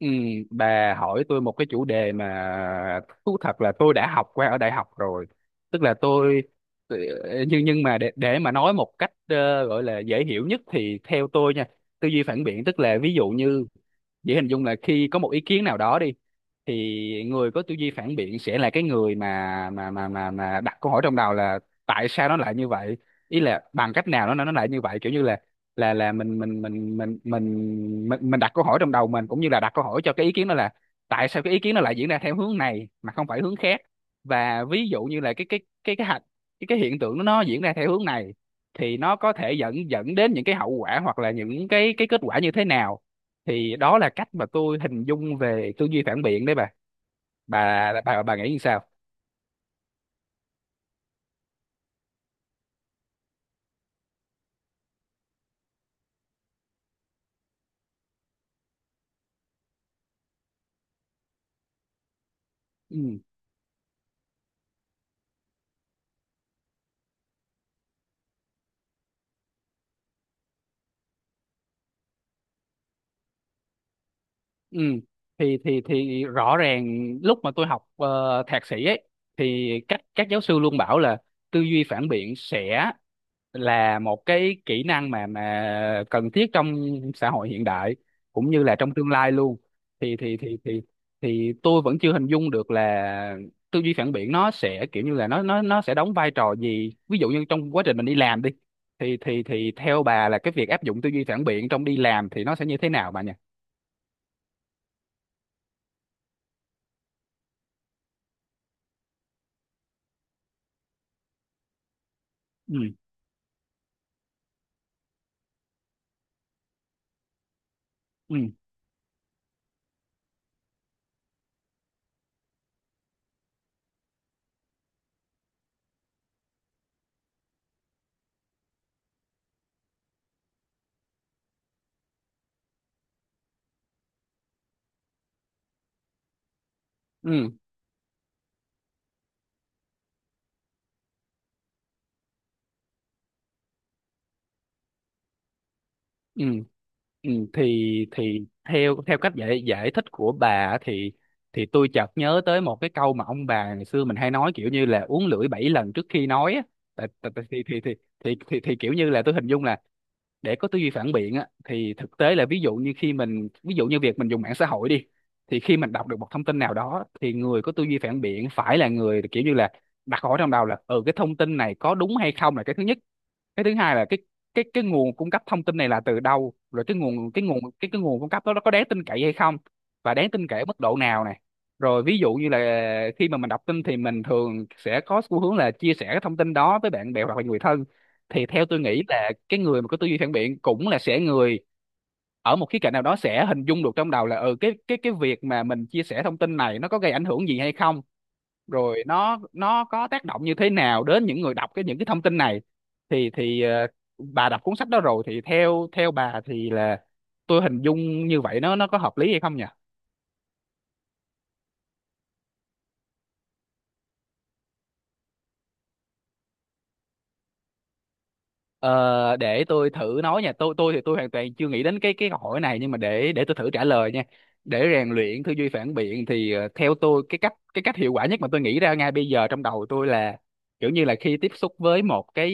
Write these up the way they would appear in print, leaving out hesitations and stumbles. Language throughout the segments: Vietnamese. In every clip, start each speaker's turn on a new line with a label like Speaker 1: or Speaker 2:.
Speaker 1: Ừ, bà hỏi tôi một cái chủ đề mà thú thật là tôi đã học qua ở đại học rồi, tức là tôi- nhưng mà để mà nói một cách gọi là dễ hiểu nhất thì theo tôi nha, tư duy phản biện tức là ví dụ như, dễ hình dung là khi có một ý kiến nào đó đi, thì người có tư duy phản biện sẽ là cái người mà đặt câu hỏi trong đầu là tại sao nó lại như vậy, ý là bằng cách nào nó lại như vậy, kiểu như là mình đặt câu hỏi trong đầu mình, cũng như là đặt câu hỏi cho cái ý kiến đó là tại sao cái ý kiến nó lại diễn ra theo hướng này mà không phải hướng khác, và ví dụ như là cái hạch, cái hiện tượng nó diễn ra theo hướng này thì nó có thể dẫn dẫn đến những cái hậu quả hoặc là những cái kết quả như thế nào. Thì đó là cách mà tôi hình dung về tư duy phản biện đấy bà. Bà nghĩ như sao? Ừ. Ừ. Thì rõ ràng lúc mà tôi học thạc sĩ ấy, thì các giáo sư luôn bảo là tư duy phản biện sẽ là một cái kỹ năng mà cần thiết trong xã hội hiện đại cũng như là trong tương lai luôn. Thì thì thì thì thì tôi vẫn chưa hình dung được là tư duy phản biện nó sẽ kiểu như là nó sẽ đóng vai trò gì. Ví dụ như trong quá trình mình đi làm đi, thì theo bà là cái việc áp dụng tư duy phản biện trong đi làm thì nó sẽ như thế nào bà nhỉ? Ừ. Ừ. Ừ. Ừ, thì theo theo cách giải giải thích của bà á, thì tôi chợt nhớ tới một cái câu mà ông bà ngày xưa mình hay nói kiểu như là uống lưỡi bảy lần trước khi nói á. Tại, tại, tại, thì kiểu như là tôi hình dung là để có tư duy phản biện á, thì thực tế là ví dụ như khi mình, ví dụ như việc mình dùng mạng xã hội đi, thì khi mình đọc được một thông tin nào đó thì người có tư duy phản biện phải là người kiểu như là đặt hỏi trong đầu là ừ, cái thông tin này có đúng hay không, là cái thứ nhất. Cái thứ hai là cái nguồn cung cấp thông tin này là từ đâu, rồi cái nguồn cái nguồn cung cấp đó nó có đáng tin cậy hay không, và đáng tin cậy ở mức độ nào này. Rồi ví dụ như là khi mà mình đọc tin thì mình thường sẽ có xu hướng là chia sẻ cái thông tin đó với bạn bè hoặc là người thân, thì theo tôi nghĩ là cái người mà có tư duy phản biện cũng là sẽ người ở một khía cạnh nào đó sẽ hình dung được trong đầu là ừ, cái việc mà mình chia sẻ thông tin này nó có gây ảnh hưởng gì hay không, rồi nó có tác động như thế nào đến những người đọc những cái thông tin này. Thì bà đọc cuốn sách đó rồi thì theo theo bà thì là tôi hình dung như vậy nó có hợp lý hay không nhỉ? Ờ, để tôi thử nói nha. Tôi thì tôi hoàn toàn chưa nghĩ đến cái câu hỏi này, nhưng mà để tôi thử trả lời nha. Để rèn luyện tư duy phản biện thì theo tôi, cái cách hiệu quả nhất mà tôi nghĩ ra ngay bây giờ trong đầu tôi là kiểu như là khi tiếp xúc với một cái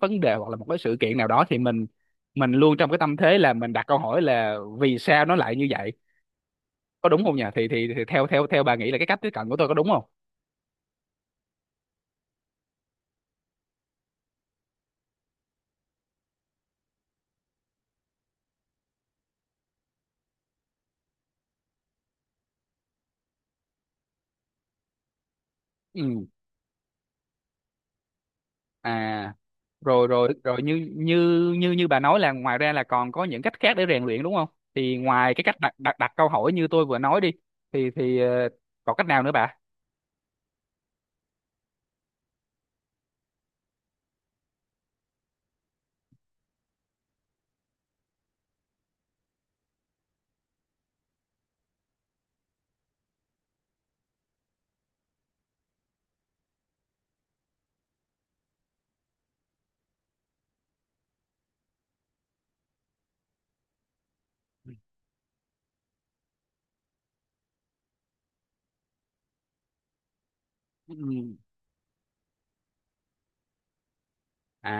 Speaker 1: vấn đề hoặc là một cái sự kiện nào đó thì mình luôn trong cái tâm thế là mình đặt câu hỏi là vì sao nó lại như vậy, có đúng không nhỉ? Thì theo theo theo bà nghĩ là cái cách tiếp cận của tôi có đúng không? Ừ. À, rồi rồi rồi như như như như bà nói là ngoài ra là còn có những cách khác để rèn luyện đúng không? Thì ngoài cái cách đặt đặt đặt câu hỏi như tôi vừa nói đi, thì còn cách nào nữa bà? Ừ. À,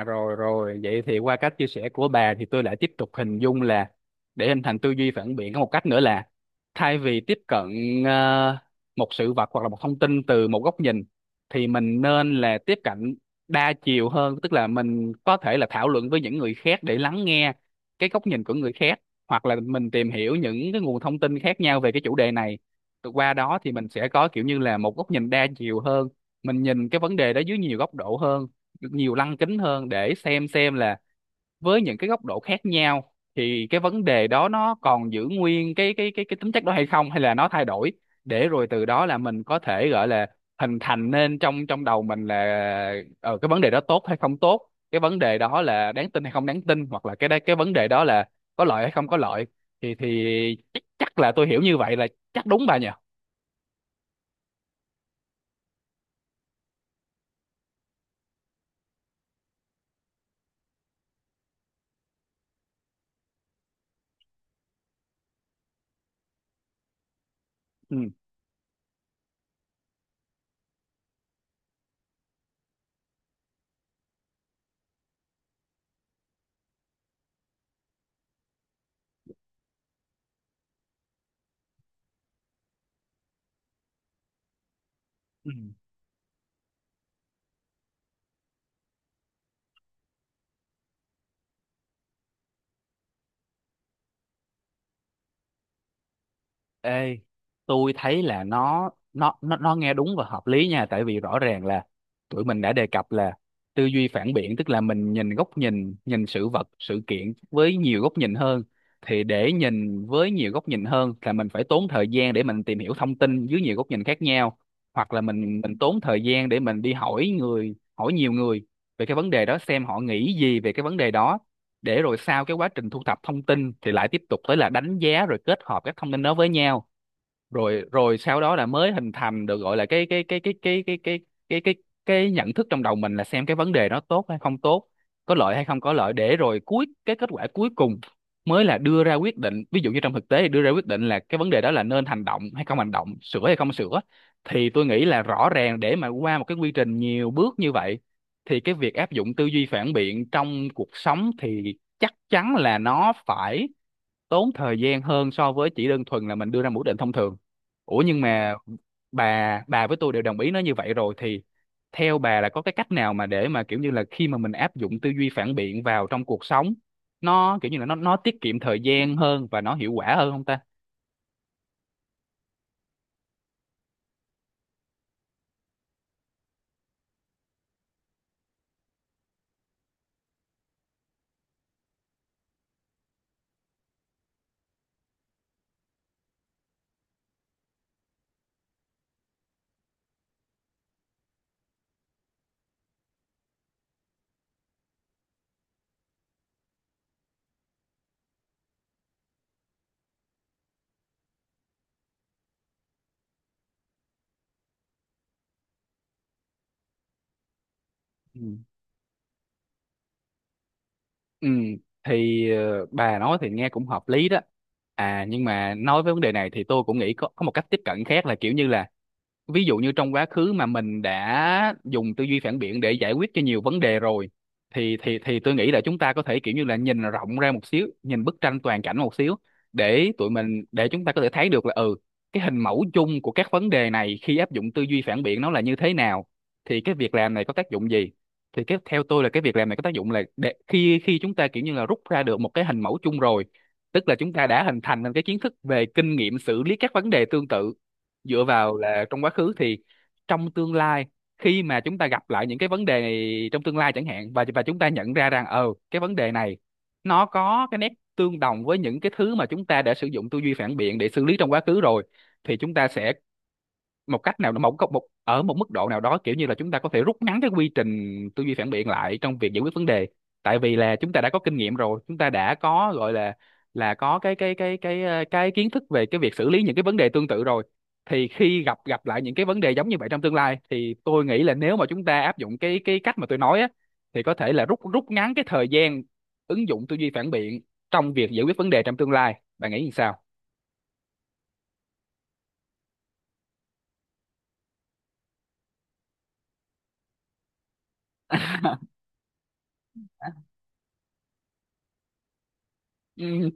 Speaker 1: à rồi rồi, vậy thì qua cách chia sẻ của bà thì tôi lại tiếp tục hình dung là để hình thành tư duy phản biện có một cách nữa là thay vì tiếp cận ờ, một sự vật hoặc là một thông tin từ một góc nhìn, thì mình nên là tiếp cận đa chiều hơn, tức là mình có thể là thảo luận với những người khác để lắng nghe cái góc nhìn của người khác, hoặc là mình tìm hiểu những cái nguồn thông tin khác nhau về cái chủ đề này. Qua đó thì mình sẽ có kiểu như là một góc nhìn đa chiều hơn, mình nhìn cái vấn đề đó dưới nhiều góc độ hơn, nhiều lăng kính hơn, để xem là với những cái góc độ khác nhau thì cái vấn đề đó nó còn giữ nguyên cái tính chất đó hay không, hay là nó thay đổi. Để rồi từ đó là mình có thể gọi là hình thành nên trong trong đầu mình là cái vấn đề đó tốt hay không tốt, cái vấn đề đó là đáng tin hay không đáng tin, hoặc là cái vấn đề đó là có lợi hay không có lợi. Thì chắc là tôi hiểu như vậy là chắc đúng bà nhỉ. Ừ. Ừ. Ê, tôi thấy là nó nghe đúng và hợp lý nha, tại vì rõ ràng là tụi mình đã đề cập là tư duy phản biện tức là mình nhìn góc nhìn nhìn sự vật, sự kiện với nhiều góc nhìn hơn, thì để nhìn với nhiều góc nhìn hơn là mình phải tốn thời gian để mình tìm hiểu thông tin dưới nhiều góc nhìn khác nhau, hoặc là mình tốn thời gian để mình đi hỏi người, hỏi nhiều người về cái vấn đề đó, xem họ nghĩ gì về cái vấn đề đó, để rồi sau cái quá trình thu thập thông tin thì lại tiếp tục tới là đánh giá rồi kết hợp các thông tin đó với nhau. Rồi rồi sau đó là mới hình thành được, gọi là cái cái cái nhận thức trong đầu mình, là xem cái vấn đề nó tốt hay không tốt, có lợi hay không có lợi, để rồi cuối, cái kết quả cuối cùng mới là đưa ra quyết định. Ví dụ như trong thực tế thì đưa ra quyết định là cái vấn đề đó là nên hành động hay không hành động, sửa hay không sửa. Thì tôi nghĩ là rõ ràng để mà qua một cái quy trình nhiều bước như vậy thì cái việc áp dụng tư duy phản biện trong cuộc sống thì chắc chắn là nó phải tốn thời gian hơn so với chỉ đơn thuần là mình đưa ra một quyết định thông thường. Ủa nhưng mà bà với tôi đều đồng ý nó như vậy rồi, thì theo bà là có cái cách nào mà để mà kiểu như là khi mà mình áp dụng tư duy phản biện vào trong cuộc sống nó kiểu như là nó tiết kiệm thời gian hơn và nó hiệu quả hơn không ta? Ừ. Ừ. Thì bà nói thì nghe cũng hợp lý đó. À nhưng mà nói với vấn đề này thì tôi cũng nghĩ có một cách tiếp cận khác là kiểu như là ví dụ như trong quá khứ mà mình đã dùng tư duy phản biện để giải quyết cho nhiều vấn đề rồi, thì thì tôi nghĩ là chúng ta có thể kiểu như là nhìn rộng ra một xíu, nhìn bức tranh toàn cảnh một xíu, để tụi mình, để chúng ta có thể thấy được là ừ, cái hình mẫu chung của các vấn đề này khi áp dụng tư duy phản biện nó là như thế nào, thì cái việc làm này có tác dụng gì. Thì theo tôi là cái việc làm này có tác dụng là để khi khi chúng ta kiểu như là rút ra được một cái hình mẫu chung rồi, tức là chúng ta đã hình thành nên cái kiến thức về kinh nghiệm xử lý các vấn đề tương tự, dựa vào là trong quá khứ. Thì trong tương lai, khi mà chúng ta gặp lại những cái vấn đề này trong tương lai chẳng hạn, và chúng ta nhận ra rằng ờ, cái vấn đề này nó có cái nét tương đồng với những cái thứ mà chúng ta đã sử dụng tư duy phản biện để xử lý trong quá khứ rồi, thì chúng ta sẽ một cách nào đó, một ở một mức độ nào đó kiểu như là chúng ta có thể rút ngắn cái quy trình tư duy phản biện lại trong việc giải quyết vấn đề, tại vì là chúng ta đã có kinh nghiệm rồi, chúng ta đã có gọi là có cái kiến thức về cái việc xử lý những cái vấn đề tương tự rồi. Thì khi gặp gặp lại những cái vấn đề giống như vậy trong tương lai thì tôi nghĩ là nếu mà chúng ta áp dụng cái cách mà tôi nói á thì có thể là rút rút ngắn cái thời gian ứng dụng tư duy phản biện trong việc giải quyết vấn đề trong tương lai. Bạn nghĩ như sao? Ừ,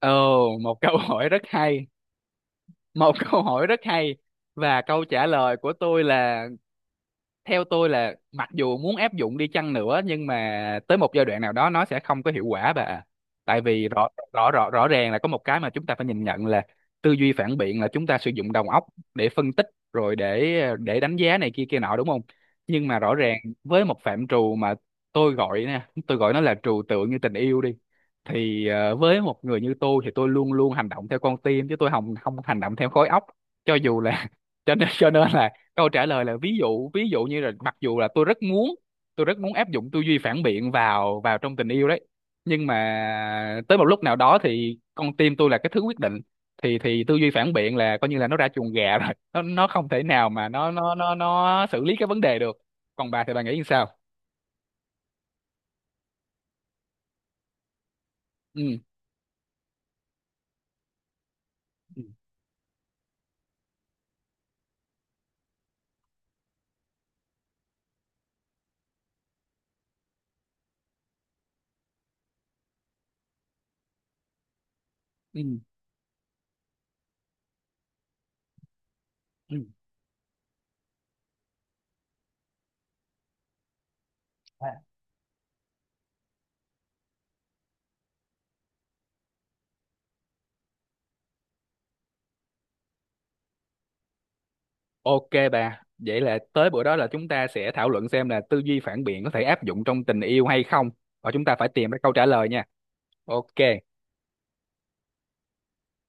Speaker 1: ồ, một câu hỏi rất hay, một câu hỏi rất hay. Và câu trả lời của tôi là theo tôi là mặc dù muốn áp dụng đi chăng nữa nhưng mà tới một giai đoạn nào đó nó sẽ không có hiệu quả bà ạ. Tại vì rõ rõ rõ rõ ràng là có một cái mà chúng ta phải nhìn nhận là tư duy phản biện là chúng ta sử dụng đầu óc để phân tích, rồi để đánh giá này kia kia nọ đúng không. Nhưng mà rõ ràng với một phạm trù mà tôi gọi nè, tôi gọi nó là trừu tượng, như tình yêu đi, thì với một người như tôi thì tôi luôn luôn hành động theo con tim chứ tôi không không hành động theo khối óc, cho dù là cho nên là câu trả lời là ví dụ, như là mặc dù là tôi rất muốn, tôi rất muốn áp dụng tư duy phản biện vào vào trong tình yêu đấy, nhưng mà tới một lúc nào đó thì con tim tôi là cái thứ quyết định, thì tư duy phản biện là coi như là nó ra chuồng gà rồi, nó không thể nào mà nó xử lý cái vấn đề được. Còn bà thì bà nghĩ sao? Ừ. Ừ. Ừ. Ừ. À, ok bà, vậy là tới bữa đó là chúng ta sẽ thảo luận xem là tư duy phản biện có thể áp dụng trong tình yêu hay không, và chúng ta phải tìm ra câu trả lời nha. Ok.